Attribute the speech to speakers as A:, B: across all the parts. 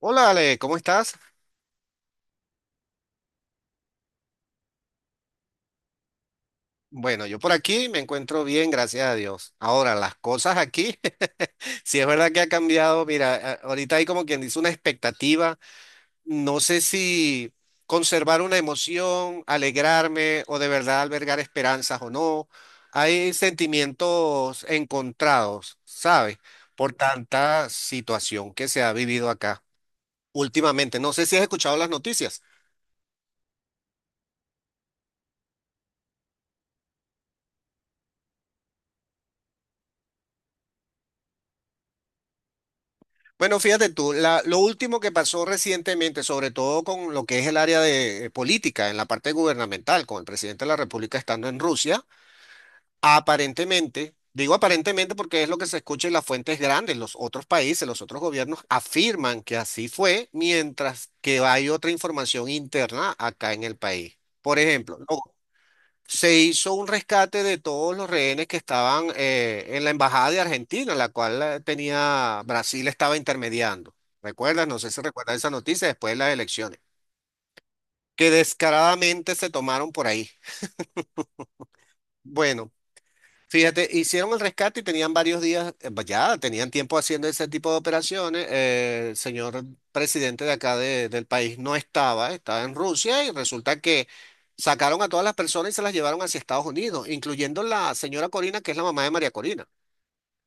A: Hola Ale, ¿cómo estás? Bueno, yo por aquí me encuentro bien, gracias a Dios. Ahora, las cosas aquí, si es verdad que ha cambiado, mira, ahorita hay como quien dice una expectativa, no sé si conservar una emoción, alegrarme o de verdad albergar esperanzas o no. Hay sentimientos encontrados, ¿sabes? Por tanta situación que se ha vivido acá últimamente. No sé si has escuchado las noticias. Bueno, fíjate tú, lo último que pasó recientemente, sobre todo con lo que es el área de política, en la parte gubernamental, con el presidente de la República estando en Rusia, aparentemente. Digo aparentemente porque es lo que se escucha en las fuentes grandes, los otros países, los otros gobiernos afirman que así fue, mientras que hay otra información interna acá en el país. Por ejemplo, se hizo un rescate de todos los rehenes que estaban en la embajada de Argentina, la cual tenía Brasil estaba intermediando. ¿Recuerdas? No sé si recuerdas esa noticia después de las elecciones, que descaradamente se tomaron por ahí. Bueno. Fíjate, hicieron el rescate y tenían varios días, pues ya tenían tiempo haciendo ese tipo de operaciones. El señor presidente de acá del país no estaba, estaba en Rusia y resulta que sacaron a todas las personas y se las llevaron hacia Estados Unidos, incluyendo la señora Corina, que es la mamá de María Corina.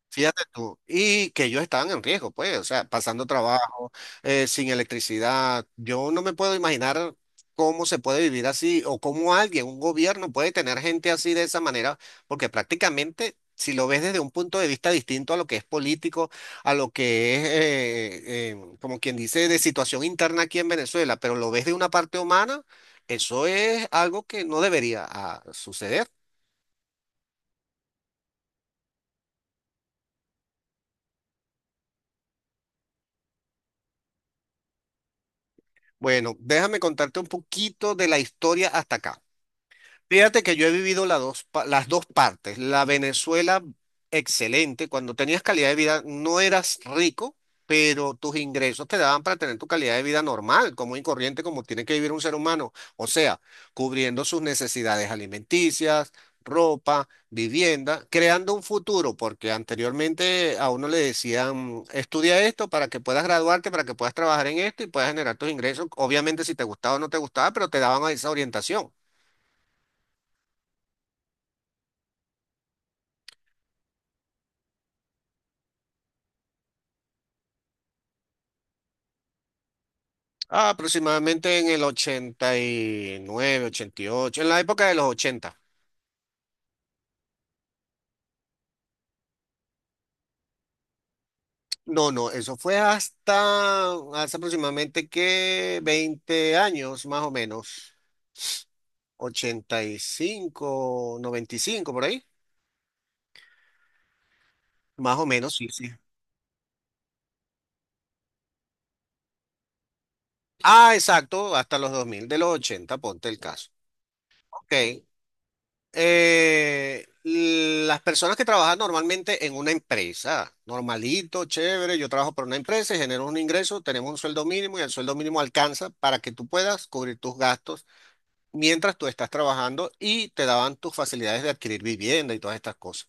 A: Fíjate tú, y que ellos estaban en riesgo, pues, o sea, pasando trabajo, sin electricidad. Yo no me puedo imaginar cómo se puede vivir así o cómo alguien, un gobierno puede tener gente así de esa manera, porque prácticamente, si lo ves desde un punto de vista distinto a lo que es político, a lo que es, como quien dice, de situación interna aquí en Venezuela, pero lo ves de una parte humana, eso es algo que no debería suceder. Bueno, déjame contarte un poquito de la historia hasta acá. Fíjate que yo he vivido las dos, las dos partes. La Venezuela, excelente. Cuando tenías calidad de vida, no eras rico, pero tus ingresos te daban para tener tu calidad de vida normal, como y corriente, como tiene que vivir un ser humano. O sea, cubriendo sus necesidades alimenticias, ropa, vivienda, creando un futuro, porque anteriormente a uno le decían, estudia esto para que puedas graduarte, para que puedas trabajar en esto y puedas generar tus ingresos. Obviamente, si te gustaba o no te gustaba, pero te daban esa orientación. Ah, aproximadamente en el 80 89, 88, en la época de los 80. No, no, eso fue hasta hace aproximadamente que 20 años, más o menos. 85, 95 por ahí. Más o menos, sí, sí. Ah, exacto, hasta los 2000 de los 80, ponte el caso. Ok. Las personas que trabajan normalmente en una empresa, normalito, chévere, yo trabajo para una empresa y genero un ingreso, tenemos un sueldo mínimo y el sueldo mínimo alcanza para que tú puedas cubrir tus gastos mientras tú estás trabajando y te daban tus facilidades de adquirir vivienda y todas estas cosas.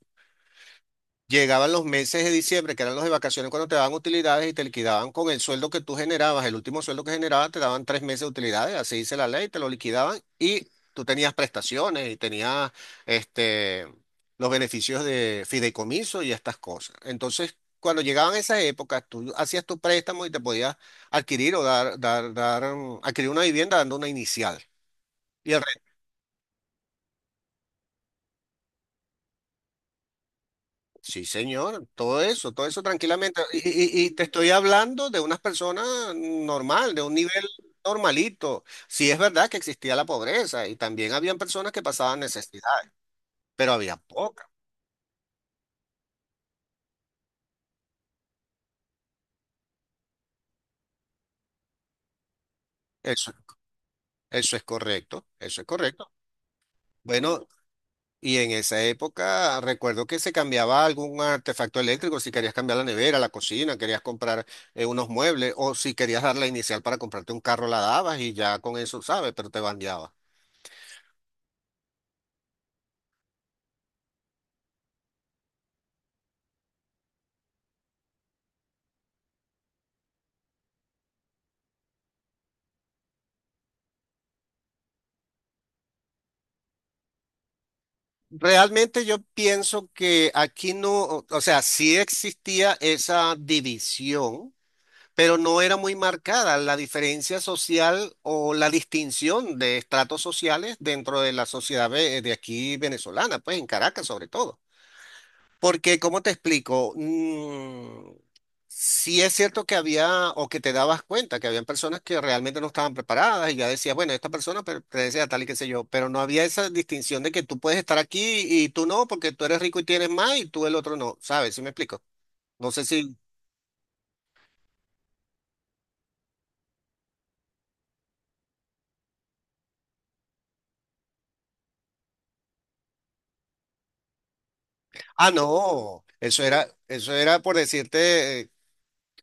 A: Llegaban los meses de diciembre, que eran los de vacaciones, cuando te daban utilidades y te liquidaban con el sueldo que tú generabas, el último sueldo que generabas, te daban 3 meses de utilidades, así dice la ley, te lo liquidaban y tú tenías prestaciones y tenías este, los beneficios de fideicomiso y estas cosas. Entonces, cuando llegaban esas épocas, tú hacías tu préstamo y te podías adquirir o adquirir una vivienda dando una inicial. Y el Sí, señor, todo eso tranquilamente. Y, y te estoy hablando de unas personas normal, de un nivel normalito. Sí es verdad que existía la pobreza y también habían personas que pasaban necesidad, pero había poca. Eso, eso es correcto, eso es correcto. Bueno, y en esa época recuerdo que se cambiaba algún artefacto eléctrico, si querías cambiar la nevera, la cocina, querías comprar unos muebles o si querías dar la inicial para comprarte un carro, la dabas y ya con eso, ¿sabes? Pero te bandeaba. Realmente yo pienso que aquí no, o sea, sí existía esa división, pero no era muy marcada la diferencia social o la distinción de estratos sociales dentro de la sociedad de aquí venezolana, pues en Caracas sobre todo. Porque, ¿cómo te explico? Sí es cierto que había, o que te dabas cuenta, que habían personas que realmente no estaban preparadas y ya decías, bueno, esta persona pertenece a tal y qué sé yo, pero no había esa distinción de que tú puedes estar aquí y tú no, porque tú eres rico y tienes más y tú el otro no, ¿sabes? ¿Sí me explico? No sé si... Ah, no, eso era por decirte, eh,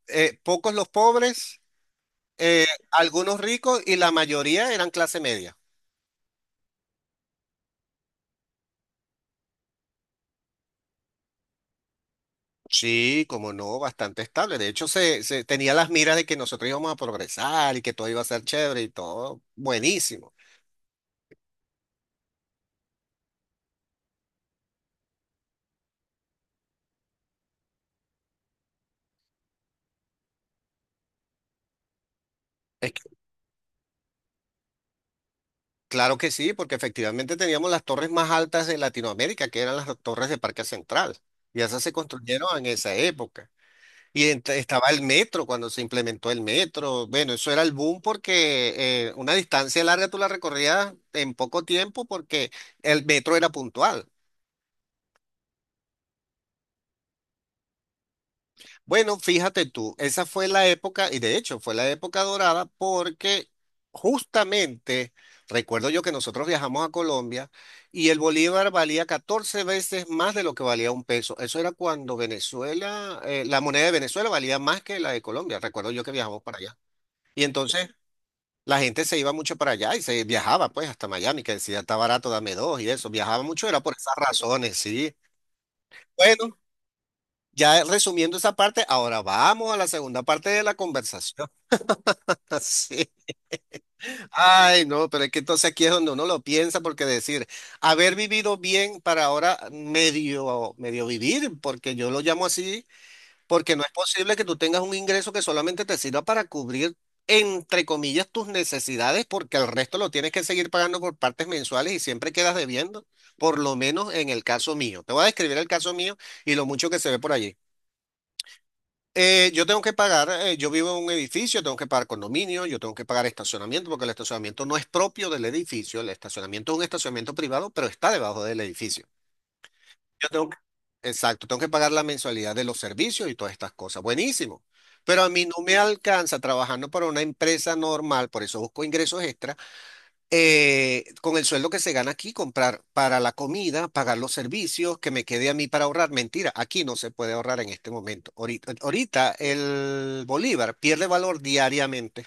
A: eh, pocos los pobres, eh, algunos ricos y la mayoría eran clase media. Sí, como no, bastante estable. De hecho, se tenía las miras de que nosotros íbamos a progresar y que todo iba a ser chévere y todo buenísimo. Es que- claro que sí, porque efectivamente teníamos las torres más altas de Latinoamérica, que eran las torres de Parque Central, y esas se construyeron en esa época. Estaba el metro cuando se implementó el metro. Bueno, eso era el boom porque una distancia larga tú la recorrías en poco tiempo porque el metro era puntual. Bueno, fíjate tú, esa fue la época, y de hecho fue la época dorada porque justamente recuerdo yo que nosotros viajamos a Colombia y el bolívar valía 14 veces más de lo que valía un peso. Eso era cuando Venezuela, la moneda de Venezuela valía más que la de Colombia. Recuerdo yo que viajamos para allá. Y entonces la gente se iba mucho para allá y se viajaba pues hasta Miami, que decía está barato, dame dos y eso. Viajaba mucho, era por esas razones, sí. Bueno. Ya resumiendo esa parte, ahora vamos a la segunda parte de la conversación. Así. Ay, no, pero es que entonces aquí es donde uno lo piensa, porque decir, haber vivido bien para ahora medio, medio vivir, porque yo lo llamo así, porque no es posible que tú tengas un ingreso que solamente te sirva para cubrir, entre comillas, tus necesidades, porque el resto lo tienes que seguir pagando por partes mensuales y siempre quedas debiendo, por lo menos en el caso mío. Te voy a describir el caso mío y lo mucho que se ve por allí. Yo tengo que pagar, yo vivo en un edificio, tengo que pagar condominio, yo tengo que pagar estacionamiento, porque el estacionamiento no es propio del edificio, el estacionamiento es un estacionamiento privado, pero está debajo del edificio. Yo tengo que- exacto, tengo que pagar la mensualidad de los servicios y todas estas cosas. Buenísimo. Pero a mí no me alcanza trabajando para una empresa normal, por eso busco ingresos extra con el sueldo que se gana aquí, comprar para la comida, pagar los servicios, que me quede a mí para ahorrar. Mentira, aquí no se puede ahorrar en este momento. Ahorita, ahorita el bolívar pierde valor diariamente.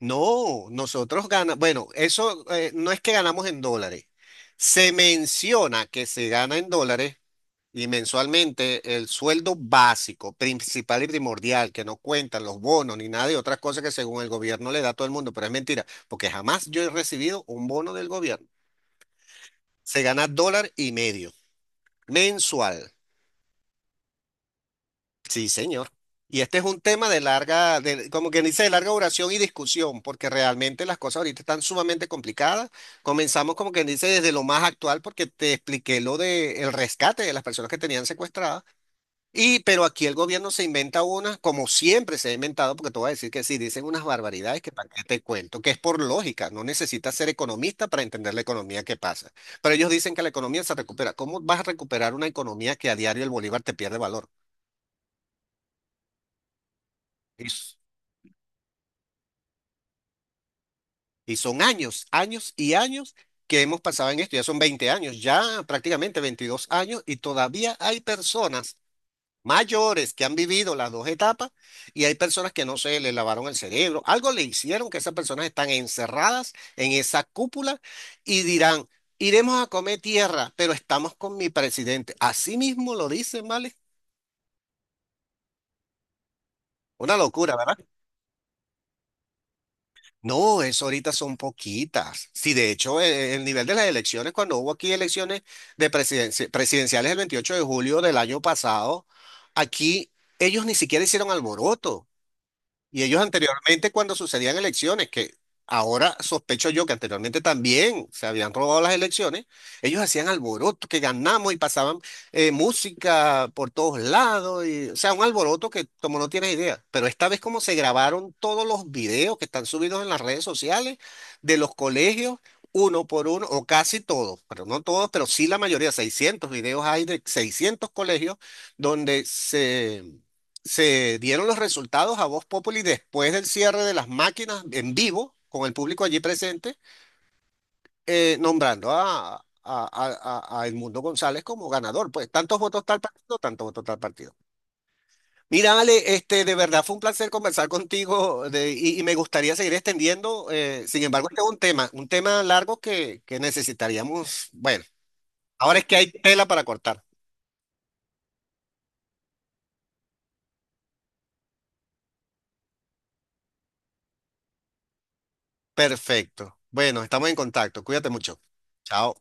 A: No, nosotros ganamos, bueno, eso no es que ganamos en dólares. Se menciona que se gana en dólares. Y mensualmente el sueldo básico, principal y primordial, que no cuentan los bonos ni nada de otras cosas que según el gobierno le da a todo el mundo, pero es mentira, porque jamás yo he recibido un bono del gobierno. Se gana $1,5 mensual. Sí, señor. Y este es un tema de larga, de, como quien dice, de larga duración y discusión, porque realmente las cosas ahorita están sumamente complicadas. Comenzamos como quien dice desde lo más actual, porque te expliqué lo del rescate de las personas que tenían secuestradas. Y, pero aquí el gobierno se inventa una, como siempre se ha inventado, porque te voy a decir que sí, dicen unas barbaridades que para qué te cuento, que es por lógica, no necesitas ser economista para entender la economía que pasa. Pero ellos dicen que la economía se recupera. ¿Cómo vas a recuperar una economía que a diario el bolívar te pierde valor? Y, y son años, años y años que hemos pasado en esto, ya son 20 años, ya prácticamente 22 años, y todavía hay personas mayores que han vivido las dos etapas y hay personas que no se le lavaron el cerebro, algo le hicieron que esas personas están encerradas en esa cúpula y dirán, iremos a comer tierra, pero estamos con mi presidente. Así mismo lo dicen, ¿vale? Una locura, ¿verdad? No, eso ahorita son poquitas. Sí, de hecho, el nivel de las elecciones, cuando hubo aquí elecciones presidenciales el 28 de julio del año pasado, aquí ellos ni siquiera hicieron alboroto. Y ellos anteriormente, cuando sucedían elecciones, que ahora sospecho yo que anteriormente también se habían robado las elecciones, ellos hacían alboroto, que ganamos y pasaban música por todos lados, y, o sea, un alboroto que como no tienes idea. Pero esta vez como se grabaron todos los videos que están subidos en las redes sociales de los colegios, uno por uno, o casi todos, pero no todos, pero sí la mayoría, 600 videos hay de 600 colegios donde se dieron los resultados a Voz Populi después del cierre de las máquinas en vivo, con el público allí presente, nombrando a, Edmundo González como ganador. Pues tantos votos tal partido, tantos votos tal partido. Mira, Ale, este, de verdad fue un placer conversar contigo y me gustaría seguir extendiendo. Sin embargo, este es un tema largo que necesitaríamos. Bueno, ahora es que hay tela para cortar. Perfecto. Bueno, estamos en contacto. Cuídate mucho. Chao.